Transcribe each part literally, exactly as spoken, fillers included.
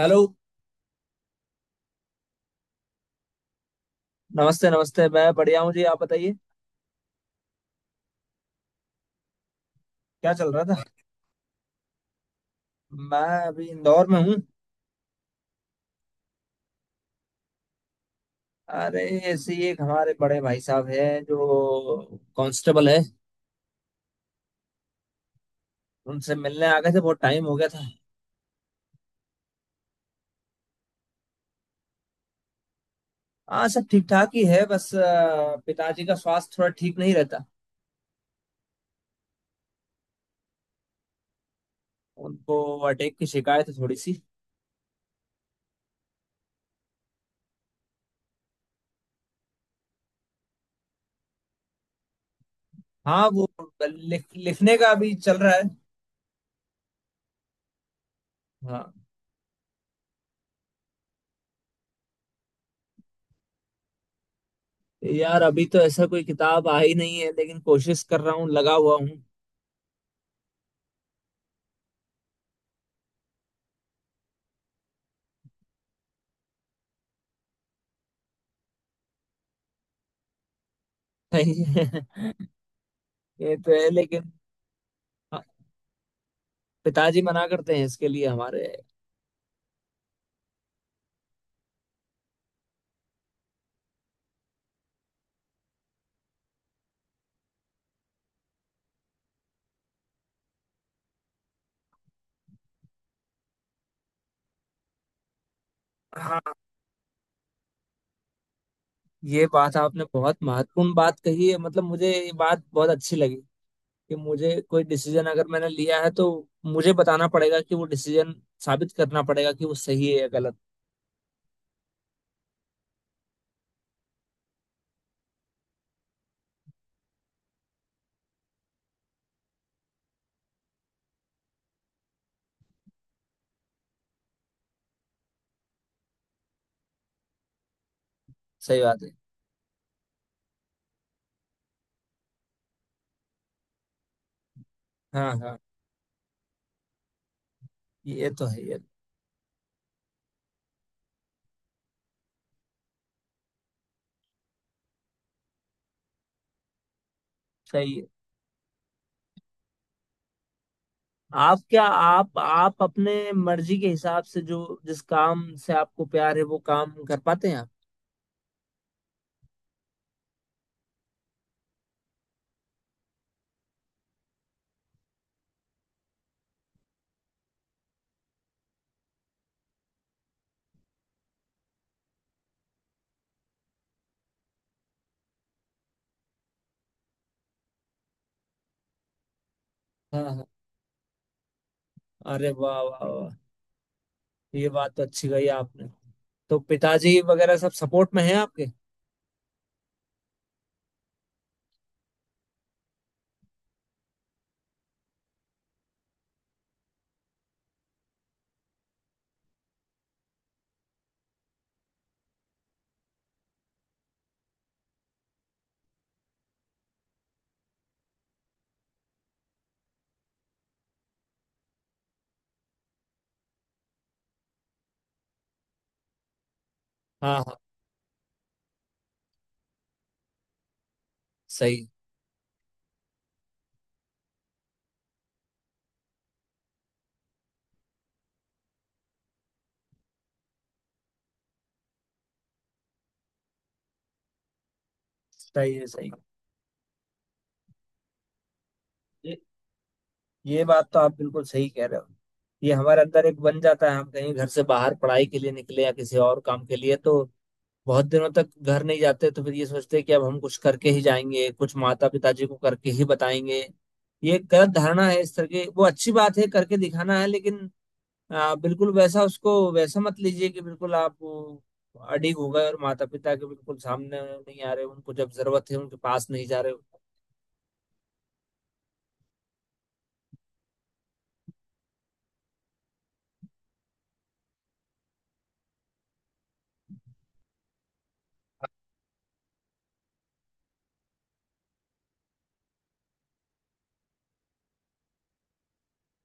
Hello. नमस्ते नमस्ते, मैं बढ़िया हूँ जी, आप बताइए। क्या चल रहा था। मैं अभी इंदौर में हूँ। अरे, ऐसे ही एक हमारे बड़े भाई साहब हैं जो कांस्टेबल है। उनसे मिलने आ गए थे, बहुत टाइम हो गया था। हाँ, सब ठीक ठाक ही है, बस अ, पिताजी का स्वास्थ्य थोड़ा ठीक नहीं रहता। उनको अटैक की शिकायत है थोड़ी सी। हाँ वो लिख, लिखने का अभी चल रहा है। हाँ। यार अभी तो ऐसा कोई किताब आई नहीं है, लेकिन कोशिश कर रहा हूँ, लगा हुआ हूँ। ये तो है, लेकिन पिताजी मना करते हैं इसके लिए हमारे। हाँ, ये बात आपने बहुत महत्वपूर्ण बात कही है, मतलब मुझे ये बात बहुत अच्छी लगी। कि मुझे कोई डिसीजन अगर मैंने लिया है तो मुझे बताना पड़ेगा कि वो डिसीजन साबित करना पड़ेगा कि वो सही है या गलत। सही बात है। हाँ हाँ, ये तो है ये। सही है। आप क्या, आप आप अपने मर्जी के हिसाब से, जो जिस काम से आपको प्यार है वो काम कर पाते हैं आप? हाँ हाँ। अरे वाह वाह वाह, ये बात तो अच्छी कही आपने। तो पिताजी वगैरह सब सपोर्ट में हैं आपके? हाँ हाँ। सही। सही है। सही। ये ये बात तो आप बिल्कुल सही कह रहे हो। ये हमारे अंदर एक बन जाता है, हम कहीं घर से बाहर पढ़ाई के लिए निकले या किसी और काम के लिए, तो बहुत दिनों तक घर नहीं जाते, तो फिर ये सोचते हैं कि अब हम कुछ करके ही जाएंगे, कुछ माता पिताजी को करके ही बताएंगे। ये एक गलत धारणा है इस तरह की। वो अच्छी बात है करके दिखाना है, लेकिन आ, बिल्कुल वैसा, उसको वैसा मत लीजिए कि बिल्कुल आप वो, अडीग हो गए और माता पिता के बिल्कुल सामने नहीं आ रहे, उनको जब जरूरत है उनके पास नहीं जा रहे हो।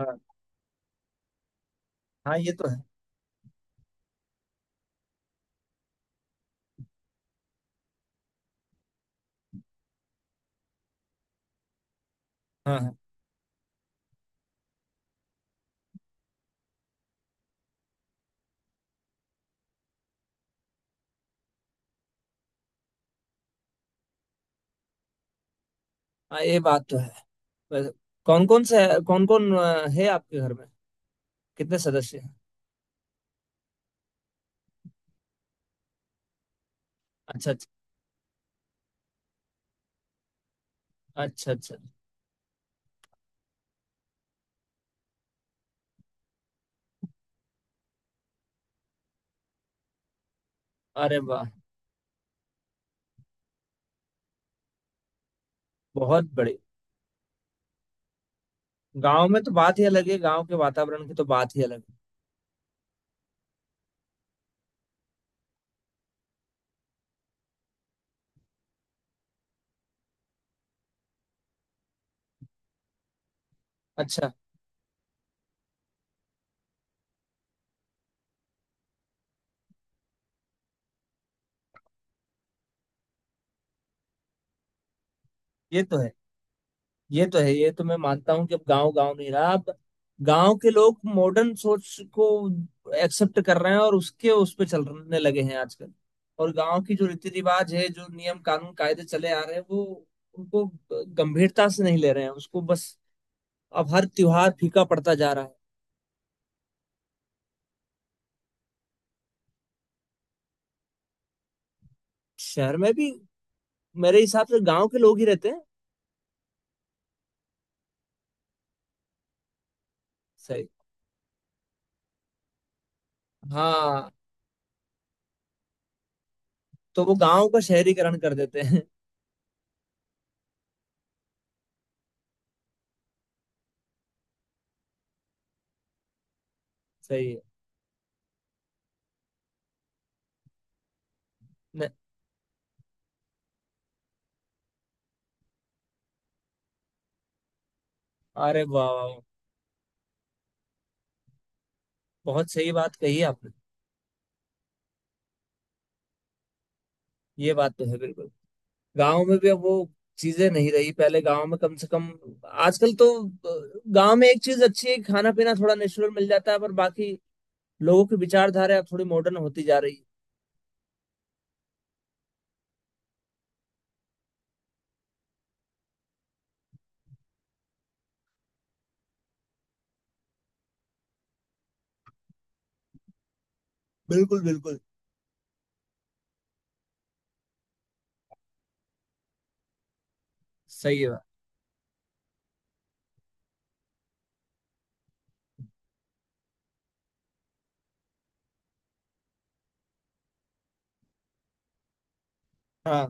हाँ। हाँ, ये तो है। हाँ हाँ। हाँ, ये बात तो है। वैसे कौन कौन से कौन कौन है आपके घर में, कितने सदस्य हैं? अच्छा अच्छा। अच्छा अच्छा। अरे वाह। बहुत बड़े। गांव में तो बात ही अलग है, गांव के वातावरण की तो बात ही अलग है। अच्छा। ये तो है। ये तो है, ये तो मैं मानता हूँ कि अब गांव गांव नहीं रहा। अब गांव के लोग मॉडर्न सोच को एक्सेप्ट कर रहे हैं और उसके उस पे चलने लगे हैं आजकल। और गांव की जो रीति रिवाज है, जो नियम कानून कायदे चले आ रहे हैं, वो उनको गंभीरता से नहीं ले रहे हैं उसको बस। अब हर त्योहार फीका पड़ता जा रहा है। शहर में भी मेरे हिसाब से गांव के लोग ही रहते हैं। सही। हाँ। तो वो गांव का शहरीकरण कर देते हैं। सही है। न- अरे वाह वाह वाह, बहुत सही बात कही है आपने। ये बात तो है बिल्कुल। गांव में भी अब वो चीजें नहीं रही, पहले गांव में कम से कम। आजकल तो अ, गांव में एक चीज अच्छी है, खाना पीना थोड़ा नेचुरल मिल जाता है, पर बाकी लोगों की विचारधारा अब थोड़ी मॉडर्न होती जा रही है। बिल्कुल बिल्कुल। सही है बात। हाँ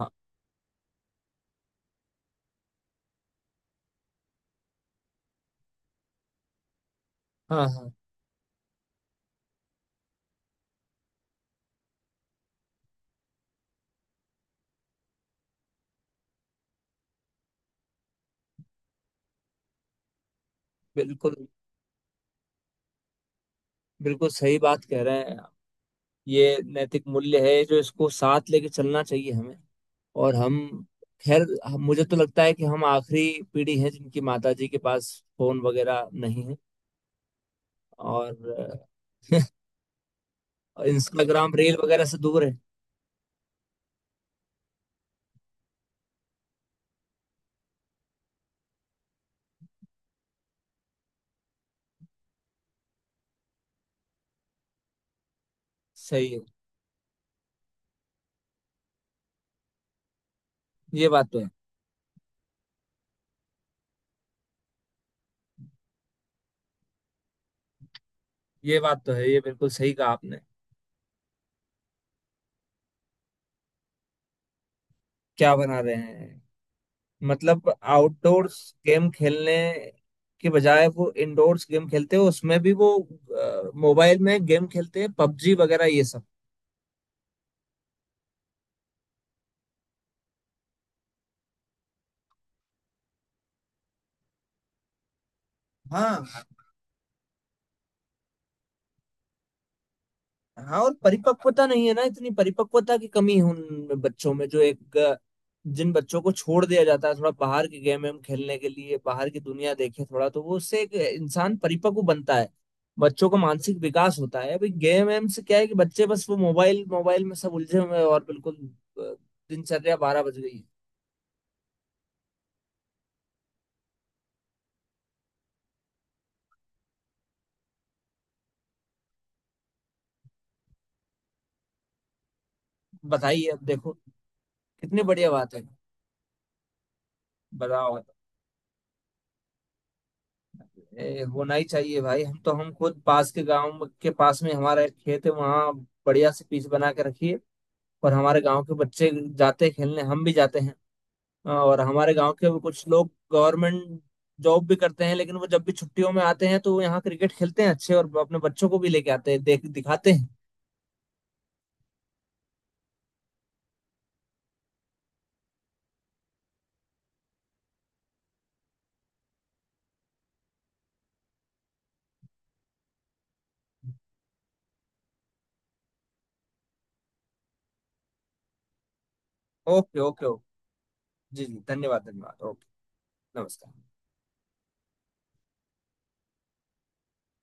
हाँ। हाँ हाँ। बिल्कुल। बिल्कुल सही बात कह रहे हैं आप। ये नैतिक मूल्य है जो इसको साथ लेके चलना चाहिए हमें। और हम, खैर हम- मुझे तो लगता है कि हम आखिरी पीढ़ी है जिनकी माताजी के पास फोन वगैरह नहीं है। और इंस्टाग्राम रील वगैरह से दूर है। सही है। ये बात तो है। ये बात तो है, ये बिल्कुल सही कहा आपने। क्या बना रहे हैं? मतलब आउटडोर्स गेम खेलने के बजाय वो इंडोर्स गेम खेलते हैं, उसमें भी वो मोबाइल में गेम खेलते हैं, पबजी वगैरह ये सब। हाँ हाँ। और परिपक्वता नहीं है ना, इतनी परिपक्वता की कमी है उन बच्चों में, जो एक अ, जिन बच्चों को छोड़ दिया जाता है थोड़ा बाहर के गेम हम खेलने के लिए, बाहर की दुनिया देखे थोड़ा, तो वो उससे एक इंसान परिपक्व बनता है, बच्चों का मानसिक विकास होता है। अभी गेम वेम से क्या है कि बच्चे बस वो मोबाइल मोबाइल में सब उलझे हुए हैं और बिल्कुल अ, दिनचर्या बारह बज गई है। बताइए अब देखो, कितनी बढ़िया बात है। बताओ। ए, होना ही चाहिए भाई। हम तो हम खुद, पास के गांव के पास में हमारा एक खेत है वहाँ बढ़िया से पिच बना के रखिए। और हमारे गांव के बच्चे जाते हैं खेलने, हम भी जाते हैं। और हमारे गांव के भी कुछ लोग गवर्नमेंट जॉब भी करते हैं, लेकिन वो जब भी छुट्टियों में आते हैं तो वो यहाँ क्रिकेट खेलते हैं अच्छे, और अपने बच्चों को भी लेके आते हैं, देख दिखाते हैं। Okay okay okay. जी जी, धन्यवाद धन्यवाद, ओके। नमस्कार।